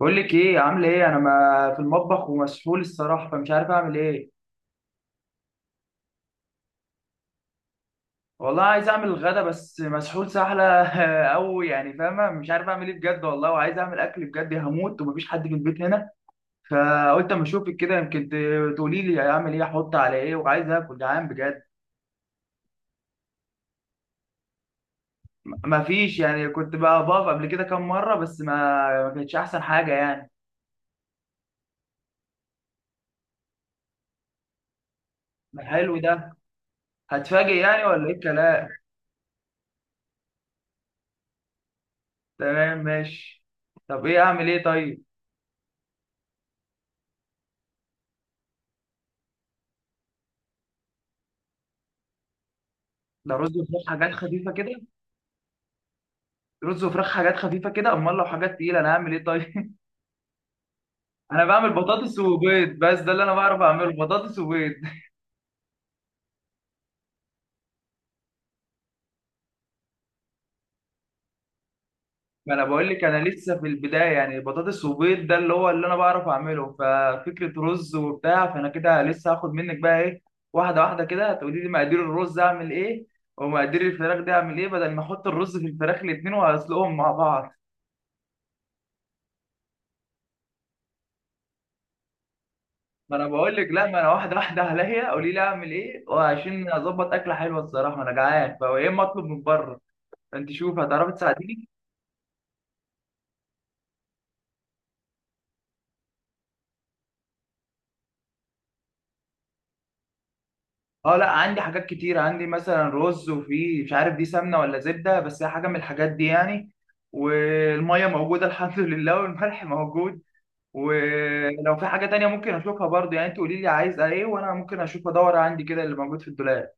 بقول لك ايه عامله ايه؟ انا ما في المطبخ ومسحول الصراحه، فمش عارف اعمل ايه. والله عايز اعمل الغدا بس مسحول سحله. او يعني فاهمه، مش عارف اعمل ايه بجد والله، وعايز اعمل اكل بجد، هموت ومفيش حد في البيت هنا. فقلت اما اشوفك كده يمكن تقولي لي اعمل ايه، احط على ايه، وعايز اكل، جعان بجد. مفيش يعني، كنت بقى بقف قبل كده كام مره بس ما كانتش احسن حاجه يعني. ما حلو ده، هتفاجئ يعني ولا ايه الكلام؟ تمام ماشي. طب ايه، اعمل ايه طيب؟ ده رز وفراخ حاجات خفيفه كده؟ رز وفراخ حاجات خفيفه كده؟ امال لو حاجات تقيله انا هعمل ايه طيب؟ انا بعمل بطاطس وبيض بس، ده اللي انا بعرف اعمله، بطاطس وبيض. ما انا بقول لك انا لسه في البدايه يعني، بطاطس وبيض ده اللي انا بعرف اعمله، ففكره رز وبتاع، فانا كده لسه هاخد منك بقى ايه. واحده واحده كده تقولي لي مقادير الرز اعمل ايه، ومقادير الفراخ دي اعمل ايه، بدل ما احط الرز في الفراخ الاثنين واسلقهم مع بعض. ما انا بقول لك، لا، ما انا واحده واحده عليا، قولي لي اعمل ايه وعشان اظبط اكله حلوه الصراحه، انا جعان، فيا اما اطلب من بره. انت شوف هتعرفي تساعديني. اه لا، عندي حاجات كتير، عندي مثلا رز، وفي مش عارف دي سمنه ولا زبده، بس هي حاجه من الحاجات دي يعني. والميه موجوده الحمد لله، والملح موجود، ولو في حاجه تانية ممكن اشوفها برضو يعني، انت قولي لي عايز ايه وانا ممكن اشوف ادور عندي كده اللي موجود في الدولاب.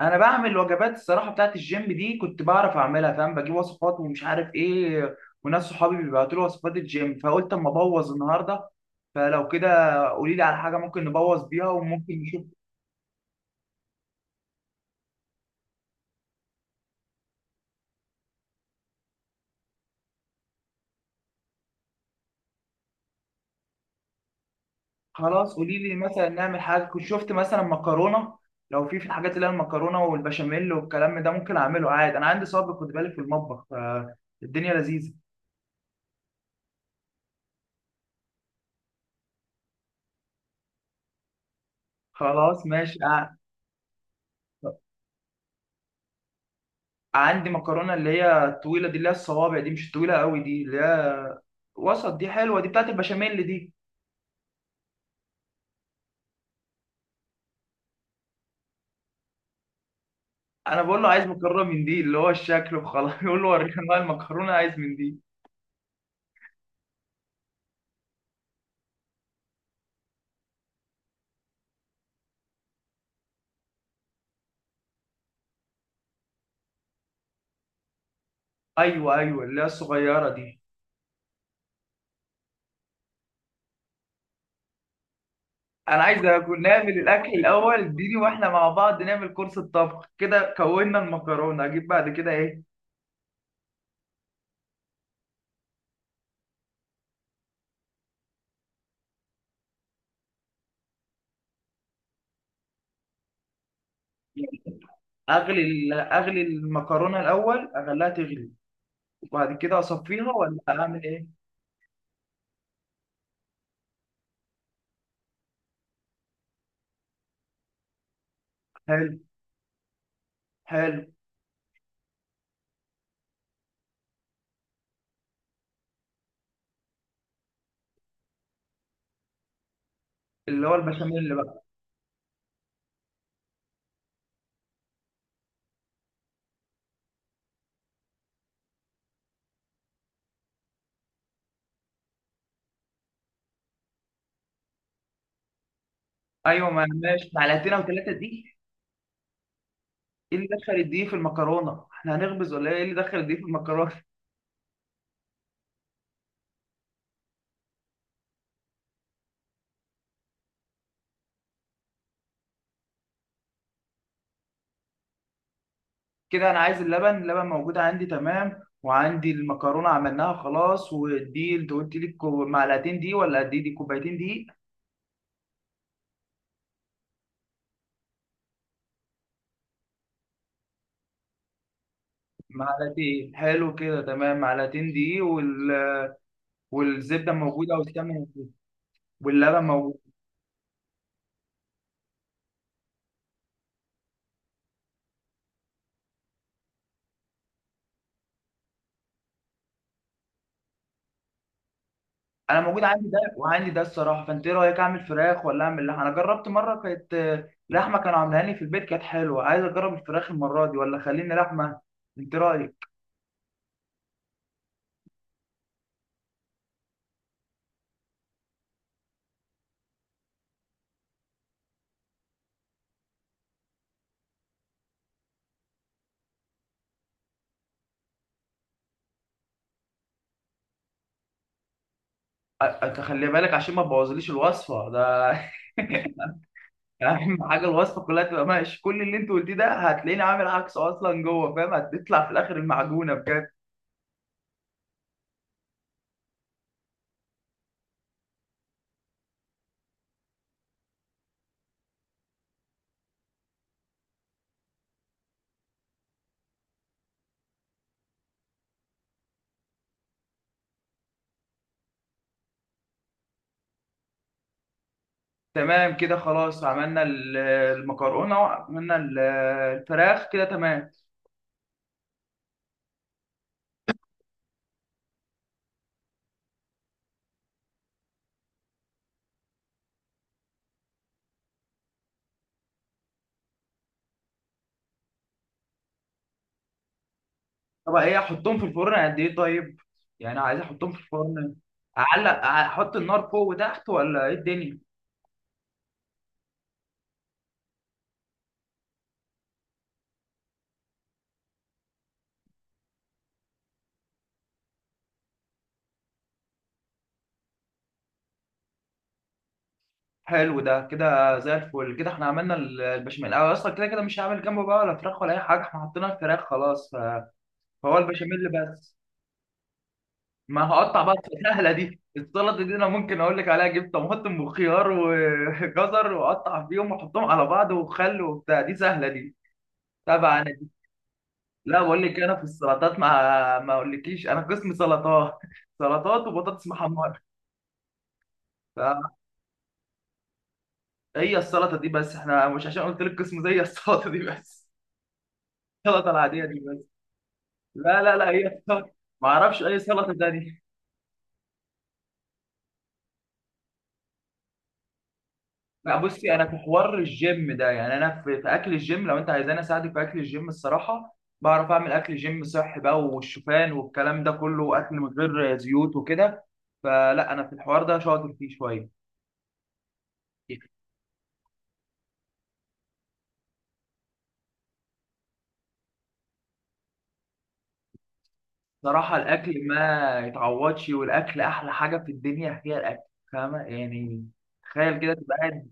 انا بعمل وجبات الصراحه بتاعت الجيم دي، كنت بعرف اعملها فاهم، بجيب وصفات ومش عارف ايه، وناس صحابي بيبعتوا لي وصفات الجيم، فقلت اما ابوظ النهارده. فلو كده قولي لي على حاجه ممكن نبوظ بيها وممكن نشوف. خلاص قولي لي، مثلا نعمل حاجه كنت شفت مثلا مكرونه. لو في الحاجات اللي هي المكرونه والبشاميل والكلام ده ممكن اعمله عادي، انا عندي صبر خد بالك في المطبخ، فالدنيا لذيذه. خلاص ماشي عندي مكرونه اللي هي الطويله دي، اللي هي الصوابع دي، مش طويله قوي دي، اللي هي وسط دي، حلوه دي، بتاعت البشاميل دي. انا بقول له عايز مكرونه من دي، اللي هو الشكل وخلاص يقول له وريني انواع المكرونه، عايز من دي. ايوه ايوه، اللي هي الصغيره دي. انا عايز اكون نعمل الاكل الاول، اديني واحنا مع بعض نعمل كورس الطبخ كده. كونا المكرونه، اجيب بعد كده ايه؟ اغلي اغلي المكرونه الاول، اخليها تغلي وبعد كده اصفيها، ولا اعمل ايه؟ حلو حلو. اللي هو البشاميل اللي بقى. ايوه، ما ماشي، معلقتين او ثلاثه دي. ايه اللي دخل الدقيق في المكرونه؟ احنا هنخبز ولا ايه؟ إيه اللي دخل الدقيق في المكرونه؟ كده انا عايز اللبن، اللبن موجود عندي تمام، وعندي المكرونه عملناها خلاص، ودي انت قلت لي معلقتين دي ولا قد ايه، دي كوبايتين دي؟ معلقتين، حلو كده تمام، معلقتين دي والزبده موجوده والسمنه واللبن موجود. انا موجود عندي ده وعندي ده الصراحه، فانت ايه رايك، اعمل فراخ ولا اعمل لحمه؟ انا جربت مره كانت لحمه، كانوا عاملها لي في البيت كانت حلوه، عايز اجرب الفراخ المره دي ولا خليني لحمه؟ انت رايك. أنت خلي بالك عشان ما تبوظليش الوصفه ده. اهم حاجه الوصفه كلها تبقى ماشي، كل اللي انت قلتيه ده هتلاقيني عامل عكسه اصلا جوه فاهم، هتطلع في الاخر المعجونه بجد. تمام كده خلاص، عملنا المكرونه وعملنا الفراخ كده تمام. طب ايه، احطهم في الفرن قد ايه طيب؟ يعني عايز احطهم في الفرن، اعلق احط النار فوق وتحت، ولا ايه الدنيا؟ حلو ده، كده زي الفل، كده احنا عملنا البشاميل. أنا اصلا كده كده مش هعمل جنبه بقى ولا فراخ ولا اي حاجه، احنا حطينا الفراخ خلاص، فهو البشاميل بس. ما هقطع بقى. سهله دي، السلطه دي انا ممكن اقول لك عليها، جبت طماطم وخيار وجزر واقطع فيهم واحطهم على بعض، وخل وبتاع، دي سهله دي، طبعا دي. لا بقول لك، انا في السلطات ما اقولكيش، انا قسم سلطات سلطات وبطاطس محمره. فهي السلطه دي بس، احنا مش عشان قلت لك قسم زي السلطه دي بس، السلطه العاديه دي بس. لا لا لا، هي السلطه. ما اعرفش اي سلطه تانية. لا بصي، انا في حوار الجيم ده يعني، انا في اكل الجيم، لو انت عايزاني اساعدك في اكل الجيم الصراحه، بعرف اعمل اكل جيم صحي بقى، والشوفان والكلام ده كله، واكل من غير زيوت وكده، فلا انا في الحوار ده شاطر فيه شويه. صراحه الاكل ما يتعوضش، والاكل احلى حاجه في الدنيا، هي الاكل. فاهمه يعني، تخيل كده تبقى قاعد.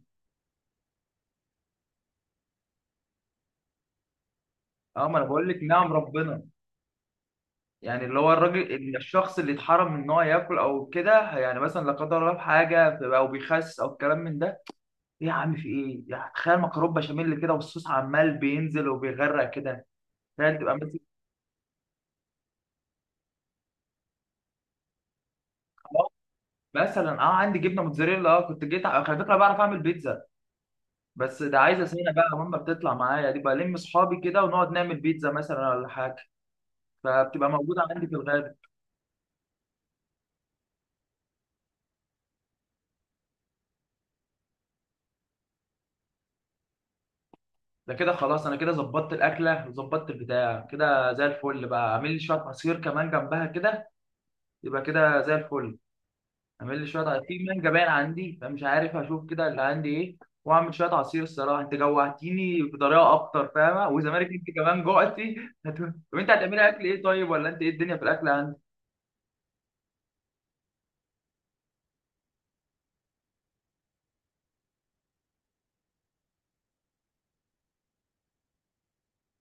اه، ما انا بقول لك، نعم ربنا. يعني اللي هو الراجل الشخص اللي اتحرم من ان هو ياكل او كده يعني، مثلا لا قدر الله في حاجه او بيخس او الكلام من ده. ايه يا عم، في ايه يعني؟ تخيل مكرونه بشاميل كده، والصوص عمال بينزل وبيغرق كده، تخيل تبقى ماسك. خلاص، مثلا اه عندي جبنه موتزاريلا، اه كنت جيت على فكره بعرف اعمل بيتزا، بس ده عايزه سنه بقى، ماما بتطلع معايا، دي بلم اصحابي كده ونقعد نعمل بيتزا مثلا ولا حاجه، فبتبقى موجوده عندي في الغالب. ده كده خلاص، انا كده ظبطت الاكله وظبطت البتاع كده زي الفل، بقى اعمل لي شويه عصير كمان جنبها كده، يبقى كده زي الفل. اعمل لي شويه عصير، في مانجا باين عندي فمش عارف، هشوف كده اللي عندي ايه، واعمل شويه عصير. الصراحه انت جوعتيني بطريقه اكتر فاهمه، وزمالك انت كمان جوعتي هت- طب انت هتعملي اكل ايه طيب، ولا انت ايه الدنيا في الاكل عندك؟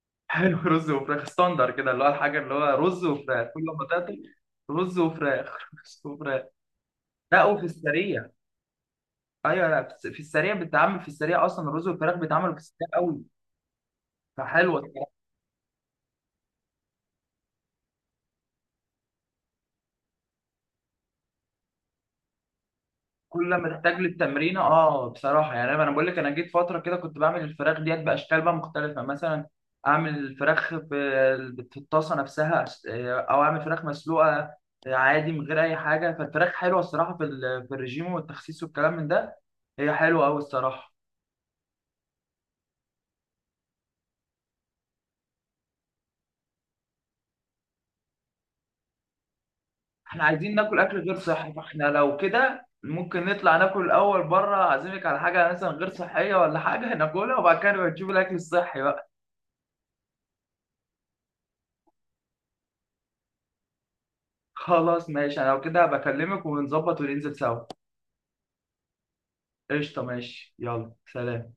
حلو، رز وفراخ، ستاندر كده، اللي هو الحاجه اللي هو رز وفراخ كل ما تاكل، رز وفراخ رز وفراخ. لا، وفي السريع. ايوه، لا في في السريع بتتعمل، في السريع اصلا الرز والفراخ بيتعملوا في السريع قوي، فحلوه. كل ما تحتاج للتمرين، اه بصراحه يعني، انا بقول لك، انا جيت فتره كده كنت بعمل الفراخ ديت باشكال بقى مختلفه، مثلا اعمل الفراخ في الطاسه نفسها او اعمل فراخ مسلوقه عادي من غير اي حاجه، فالفراخ حلوه الصراحه في في الرجيم والتخسيس والكلام من ده، هي حلوه قوي الصراحه. احنا عايزين ناكل اكل غير صحي، فاحنا لو كده ممكن نطلع ناكل الاول بره، اعزمك على حاجه مثلا غير صحيه ولا حاجه ناكلها، وبعد كده نبقى نشوف الاكل الصحي بقى. خلاص ماشي، انا لو كده بكلمك ونظبط وننزل سوا. قشطة، ماشي، يلا سلام.